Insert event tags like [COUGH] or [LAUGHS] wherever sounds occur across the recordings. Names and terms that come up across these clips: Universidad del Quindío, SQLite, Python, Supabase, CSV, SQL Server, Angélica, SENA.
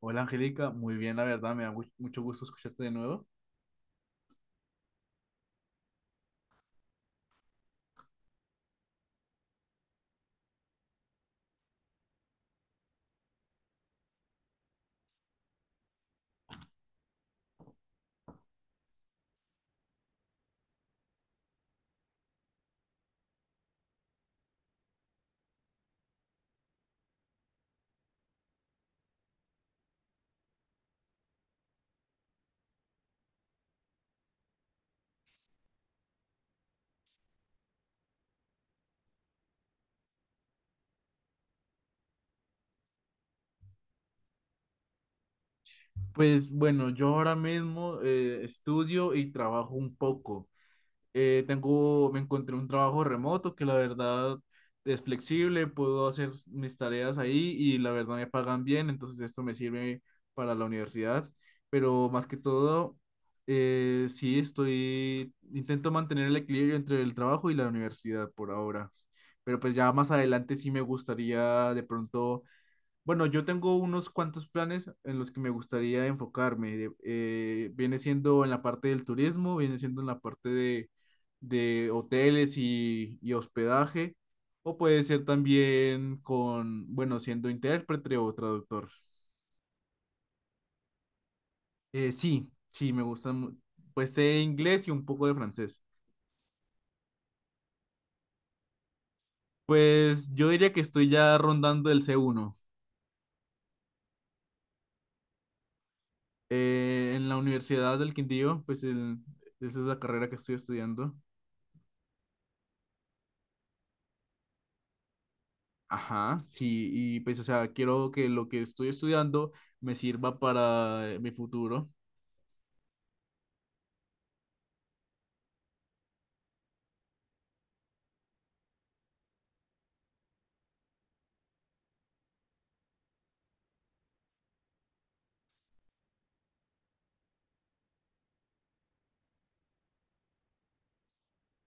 Hola Angélica, muy bien, la verdad, mucho gusto escucharte de nuevo. Pues bueno, yo ahora mismo estudio y trabajo un poco. Me encontré un trabajo remoto que la verdad es flexible, puedo hacer mis tareas ahí y la verdad me pagan bien, entonces esto me sirve para la universidad. Pero más que todo, sí estoy, intento mantener el equilibrio entre el trabajo y la universidad por ahora. Pero pues ya más adelante sí me gustaría de pronto. Bueno, yo tengo unos cuantos planes en los que me gustaría enfocarme. Viene siendo en la parte del turismo, viene siendo en la parte de hoteles y hospedaje, o puede ser también con, bueno, siendo intérprete o traductor. Sí, sí, me gusta, pues sé inglés y un poco de francés. Pues yo diría que estoy ya rondando el C1. En la Universidad del Quindío, esa es la carrera que estoy estudiando. Ajá, sí, y pues, o sea, quiero que lo que estoy estudiando me sirva para mi futuro.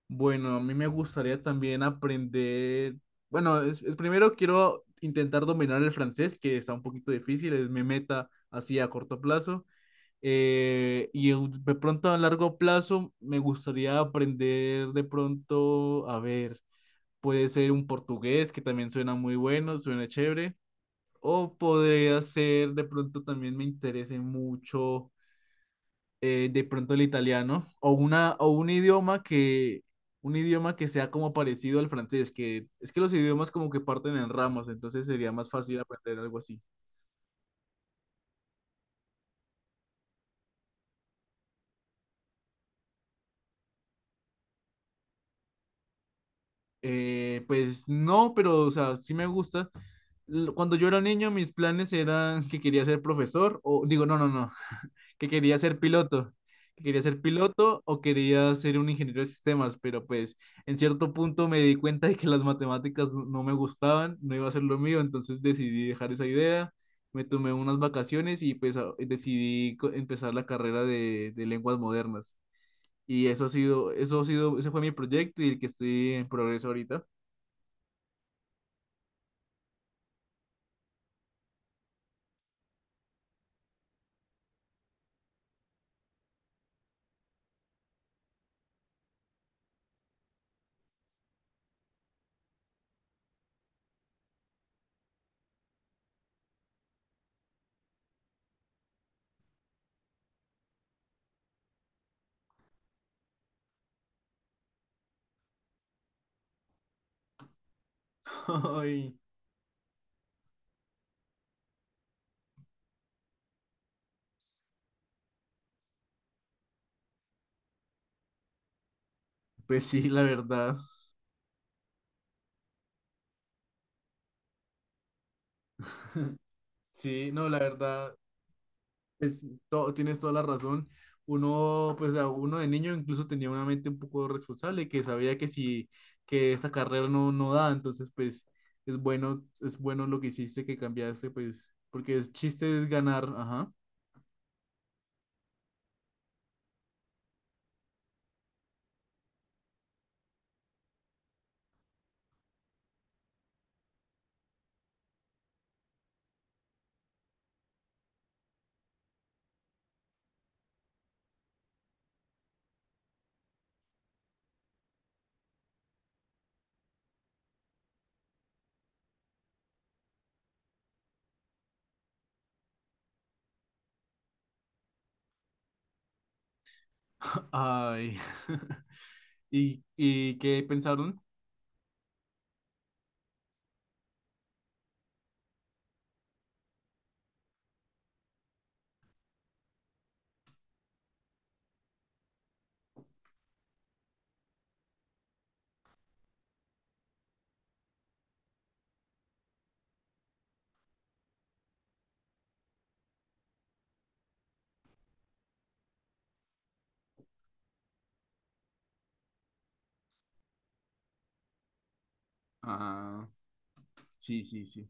Bueno, a mí me gustaría también aprender, bueno, es primero quiero intentar dominar el francés, que está un poquito difícil, es mi meta así a corto plazo. De pronto a largo plazo me gustaría aprender de pronto, a ver, puede ser un portugués, que también suena muy bueno, suena chévere. O podría ser, de pronto también me interese mucho, de pronto el italiano, o una, o un idioma que sea como parecido al francés, que es que los idiomas como que parten en ramas, entonces sería más fácil aprender algo así. Pues no, pero o sea, sí me gusta. Cuando yo era niño, mis planes eran que quería ser profesor, o digo, no, no, no, [LAUGHS] que quería ser piloto, que quería ser piloto o quería ser un ingeniero de sistemas, pero pues en cierto punto me di cuenta de que las matemáticas no me gustaban, no iba a ser lo mío, entonces decidí dejar esa idea, me tomé unas vacaciones y pues decidí empezar la carrera de lenguas modernas. Y eso ha sido, ese fue mi proyecto y el que estoy en progreso ahorita. Ay, pues sí, la verdad. [LAUGHS] Sí, no, la verdad, tienes toda la razón. Uno, pues, o sea, uno de niño incluso tenía una mente un poco responsable, que sabía que si, que esta carrera no, no da, entonces, pues, es bueno lo que hiciste, que cambiaste, pues, porque el chiste es ganar, ajá. [LAUGHS] Ay. [LAUGHS] ¿Y, y qué pensaron? Ah, sí, sí, sí.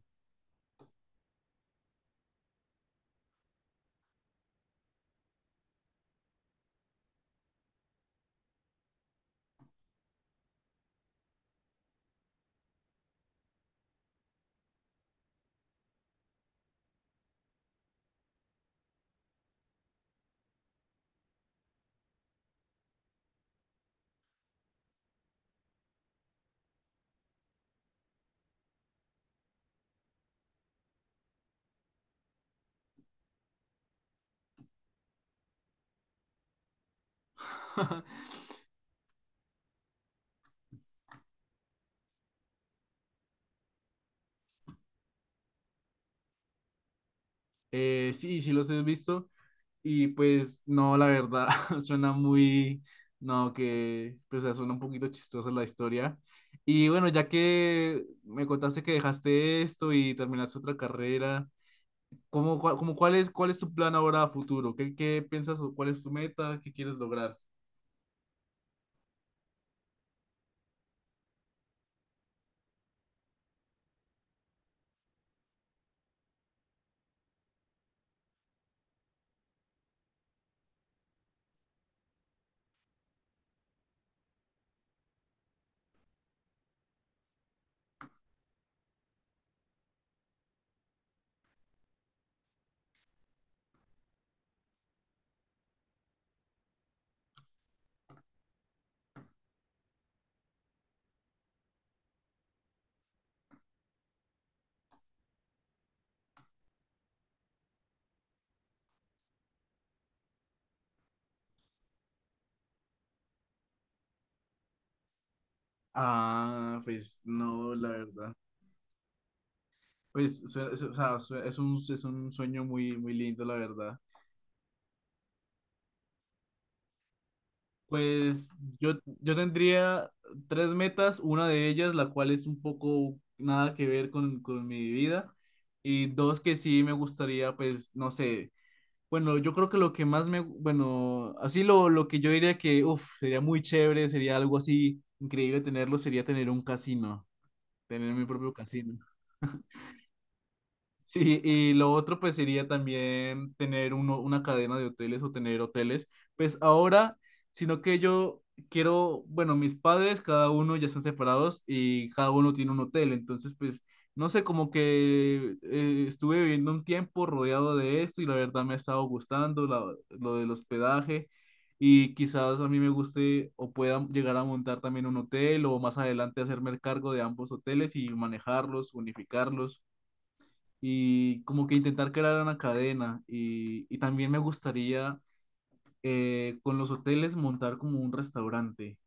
[LAUGHS] Sí, sí los he visto. Y pues no, la verdad, [LAUGHS] suena muy, no, que, pues o sea, suena un poquito chistosa la historia. Y bueno, ya que me contaste que dejaste esto y terminaste otra carrera, ¿cómo, cómo cuál es tu plan ahora a futuro? ¿Qué, qué piensas o cuál es tu meta? ¿Qué quieres lograr? Ah, pues no, la verdad. Pues es, o sea, es un sueño muy, muy lindo, la verdad. Pues yo, yo tendría 3 metas, una de ellas, la cual es un poco nada que ver con mi vida, y dos que sí me gustaría, pues, no sé, bueno, yo creo que lo que más me, bueno, así lo que yo diría que, uff, sería muy chévere, sería algo así increíble tenerlo, sería tener un casino, tener mi propio casino. Sí, y lo otro pues sería también tener uno, una cadena de hoteles o tener hoteles. Pues ahora, sino que yo quiero, bueno, mis padres cada uno ya están separados y cada uno tiene un hotel, entonces pues no sé, como que estuve viviendo un tiempo rodeado de esto y la verdad me ha estado gustando lo del hospedaje y quizás a mí me guste o pueda llegar a montar también un hotel o más adelante hacerme el cargo de ambos hoteles y manejarlos, unificarlos y como que intentar crear una cadena. Y también me gustaría con los hoteles montar como un restaurante,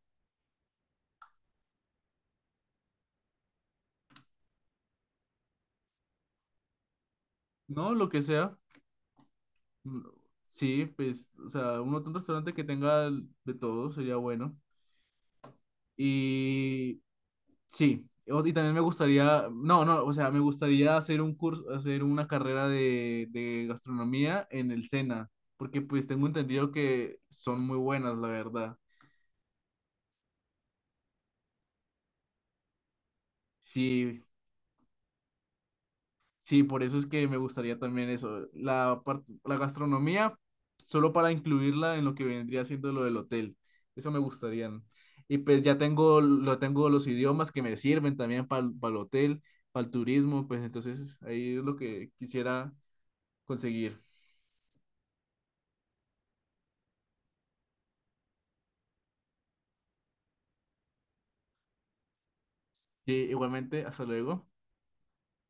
¿no? Lo que sea. Mm, sí, pues, o sea, un restaurante que tenga de todo sería bueno. Y sí, y también me gustaría, no, no, o sea, me gustaría hacer un curso, hacer una carrera de gastronomía en el SENA, porque pues tengo entendido que son muy buenas, la verdad. Sí, sí, por eso es que me gustaría también eso, la gastronomía, solo para incluirla en lo que vendría siendo lo del hotel. Eso me gustaría, ¿no? Y pues ya tengo, lo tengo los idiomas que me sirven también para el hotel, para el turismo, pues entonces ahí es lo que quisiera conseguir. Sí, igualmente, hasta luego.